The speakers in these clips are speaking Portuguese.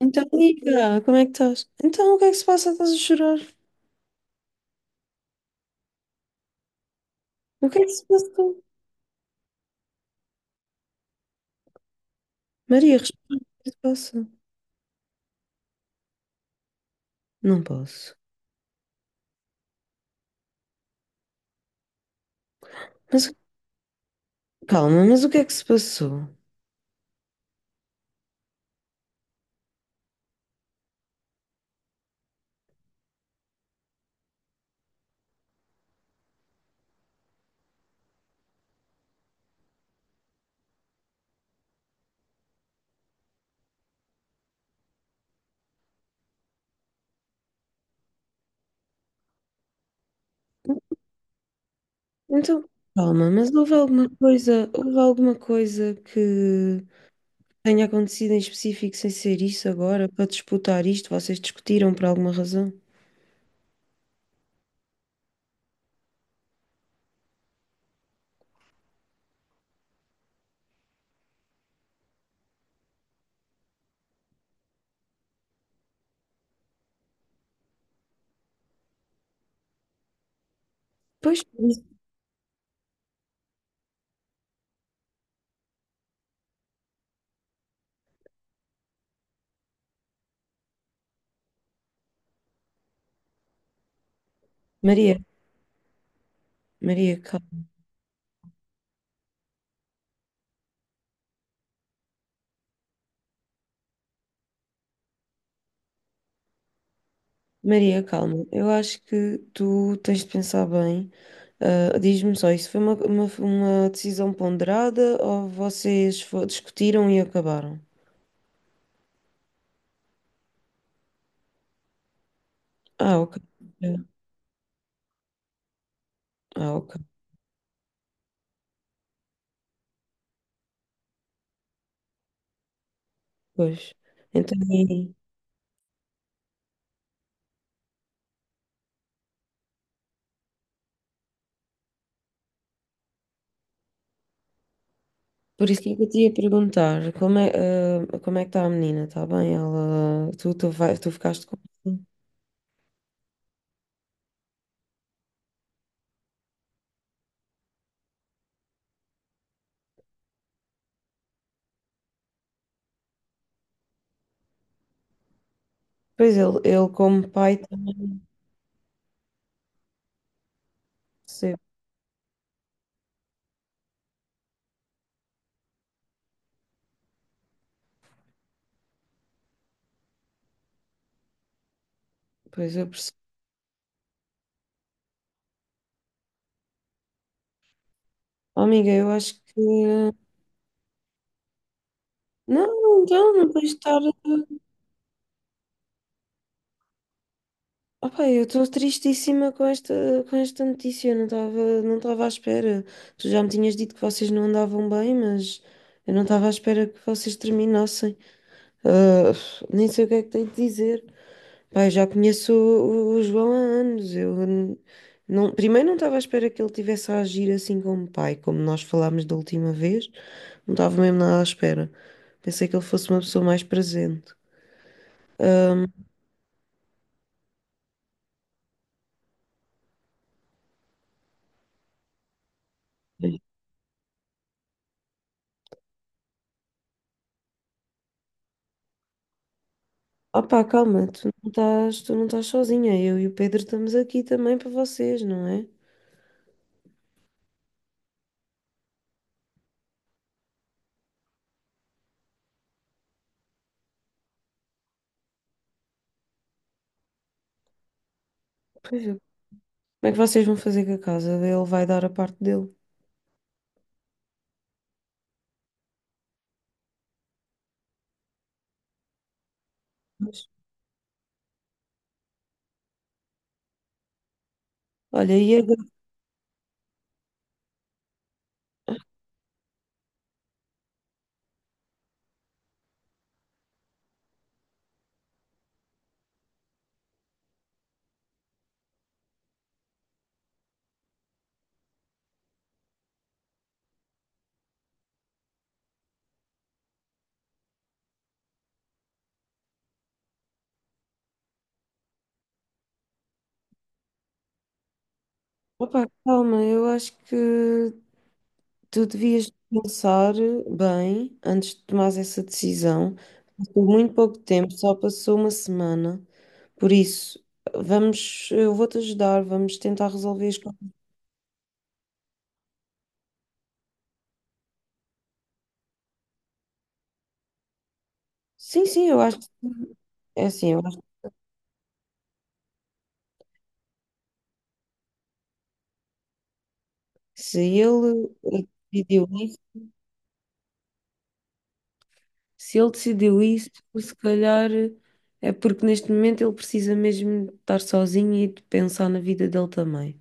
Então, Nica, como é que estás? Então, o que é que se passa? Estás a chorar? O que é que se passa? Maria, responde. O que é que se passa? Não posso. Mas calma, mas o que é que se passou? Então, calma, mas houve alguma coisa que tenha acontecido em específico sem ser isso agora, para disputar isto? Vocês discutiram por alguma razão? Pois, por isso. Maria, Maria, calma. Maria, calma. Eu acho que tu tens de pensar bem. Diz-me só, isso foi uma decisão ponderada ou vocês discutiram e acabaram? Ah, ok. Ah, ok. Pois. Então, e- por isso que eu te ia perguntar, como é, ah, como é que está a menina? Está bem? Ela, vai, tu ficaste com... Pois ele como pai também percebe. Pois eu percebo. Oh, amiga, eu acho que... Não, então, não tens de estar... Opa, eu estou tristíssima com esta notícia. Eu não estava, não estava à espera. Tu já me tinhas dito que vocês não andavam bem, mas eu não estava à espera que vocês terminassem. Ah, Nem sei o que é que tenho de dizer. Pá, eu já conheço o João há anos. Não, primeiro não estava à espera que ele tivesse a agir assim como pai, como nós falámos da última vez. Não estava mesmo nada à espera. Pensei que ele fosse uma pessoa mais presente. Ah, Opa, calma, tu não estás sozinha. Eu e o Pedro estamos aqui também para vocês, não é? Pois é. Como é que vocês vão fazer com a casa? Ele vai dar a parte dele. Mas, olha, e agora? Opa, calma, eu acho que tu devias pensar bem antes de tomares essa decisão. Passou muito pouco tempo, só passou uma semana. Por isso, vamos, eu vou-te ajudar, vamos tentar resolver as coisas. Sim, eu acho, é assim, eu acho que se ele decidiu isso. Se ele decidiu isso, se calhar é porque neste momento ele precisa mesmo de estar sozinho e de pensar na vida dele também.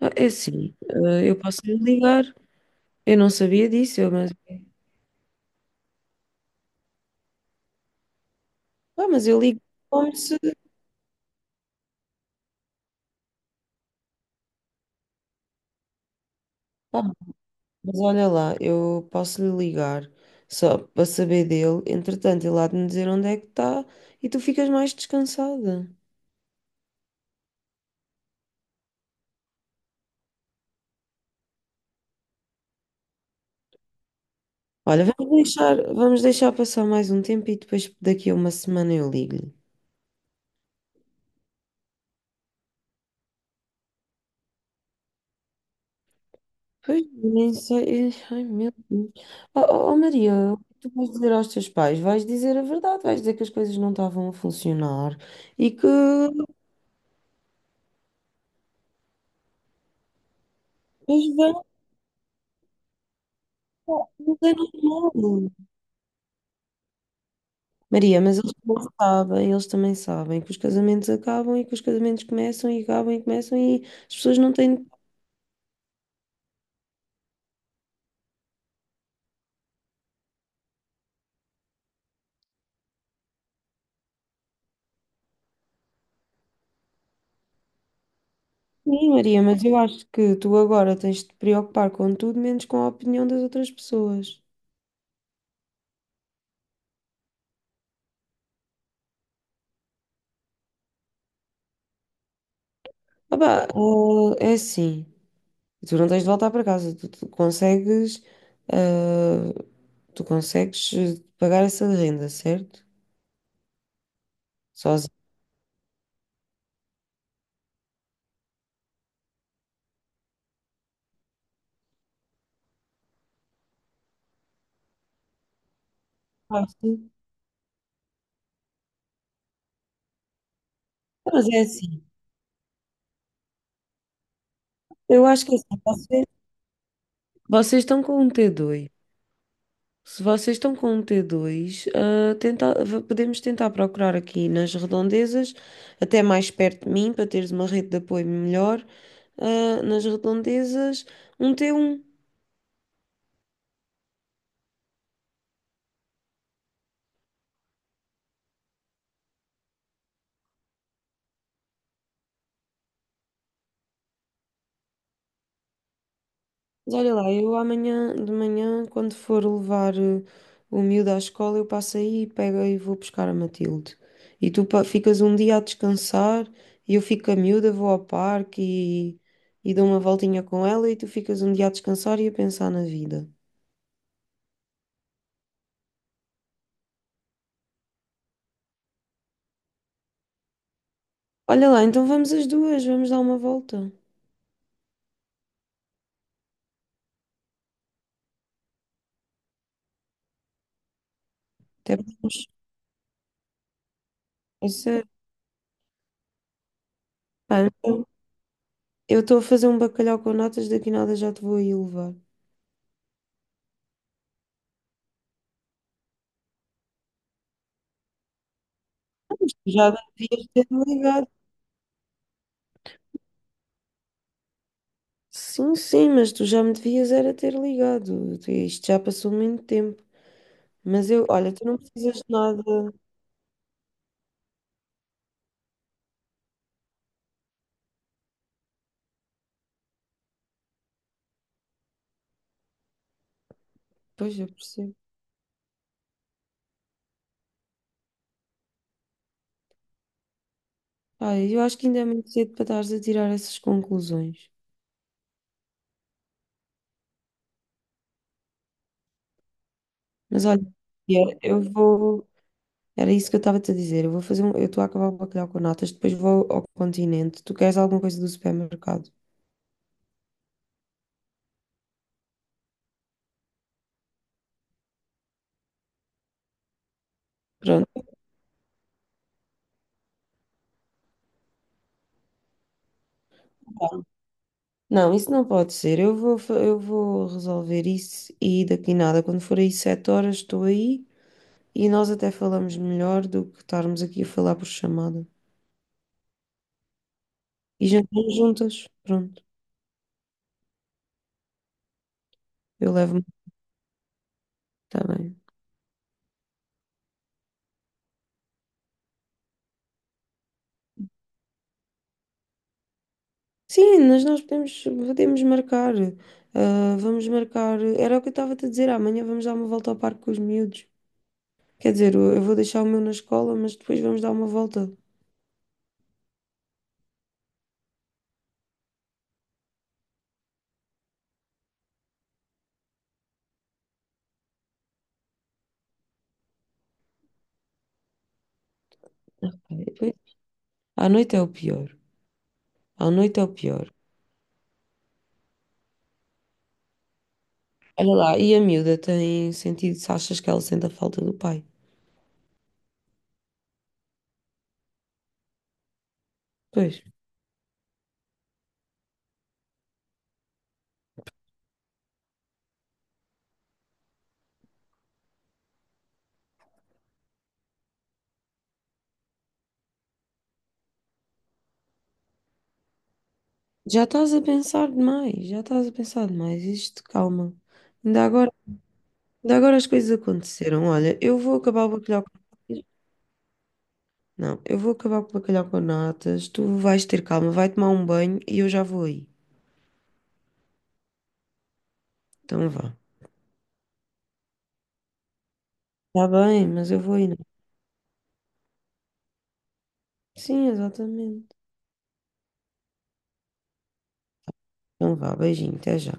Ah, é assim, ah, eu posso lhe ligar, eu não sabia disso, mas, ah, mas eu ligo como se. Ah, mas olha lá, eu posso lhe ligar só para saber dele, entretanto ele há de me dizer onde é que está e tu ficas mais descansada. Olha, vamos deixar passar mais um tempo e depois daqui a uma semana eu ligo-lhe. Pois, nem sei. Ai, meu Deus. Oh, Maria, o que tu vais dizer aos teus pais? Vais dizer a verdade, vais dizer que as coisas não estavam a funcionar e que eles vão mudar normal. Maria, mas eles também sabem que os casamentos acabam e que os casamentos começam e acabam e começam e as pessoas não têm. Sim, Maria, mas eu acho que tu agora tens de te preocupar com tudo menos com a opinião das outras pessoas. Ah, pá, oh, é assim. E tu não tens de voltar para casa, tu consegues, ah, tu consegues pagar essa renda, certo? Sozinho. Fácil. Mas é assim, eu acho que é assim, vocês, vocês estão com um T2. Se vocês estão com um T2, ah, podemos tentar procurar aqui nas redondezas, até mais perto de mim, para teres uma rede de apoio melhor, ah, nas redondezas, um T1. Mas olha lá, eu amanhã de manhã, quando for levar o miúdo à escola, eu passo aí e pego e vou buscar a Matilde. E tu ficas um dia a descansar e eu fico com a miúda, vou ao parque e dou uma voltinha com ela e tu ficas um dia a descansar e a pensar na vida. Olha lá, então vamos as duas, vamos dar uma volta. Até podemos. É sério. Pá, então, eu estou a fazer um bacalhau com natas, daqui nada já te vou aí levar. Já devias ter ligado. Sim, sim, mas tu já me devias era ter ligado. Tu- isto já passou muito tempo. Mas eu, olha, tu não precisas de nada. Pois eu percebo. Olha, eu acho que ainda é muito cedo para estares a tirar essas conclusões. Mas olha, é, eu vou. Era isso que eu estava-te a dizer. Eu vou fazer um. Eu estou a acabar o bacalhau com natas, depois vou ao continente. Tu queres alguma coisa do supermercado? Pronto. Não, isso não pode ser. Eu vou, eu vou resolver isso e daqui nada. Quando for aí sete horas, estou aí. E nós até falamos melhor do que estarmos aqui a falar por chamada. E jantamos juntas. Pronto, eu levo-me. Está bem. Sim, mas podemos marcar. Ah, vamos marcar. Era o que eu estava a te dizer. Amanhã vamos dar uma volta ao parque com os miúdos. Quer dizer, eu vou deixar o meu na escola, mas depois vamos dar uma volta. Ok, depois- à noite é o pior. À noite é o pior. Olha lá, e a miúda tem sentido se achas que ela sente a falta do pai? Pois. Já estás a pensar demais, já estás a pensar demais. Isto, calma. Ainda agora, ainda agora as coisas aconteceram. Olha, eu vou acabar o bacalhau com natas. Não, eu vou acabar com o bacalhau com natas. Tu vais ter calma, vai tomar um banho e eu já vou aí. Então vá. Está bem, mas eu vou aí. Não? Sim, exatamente. Então vá, beijinho, até já.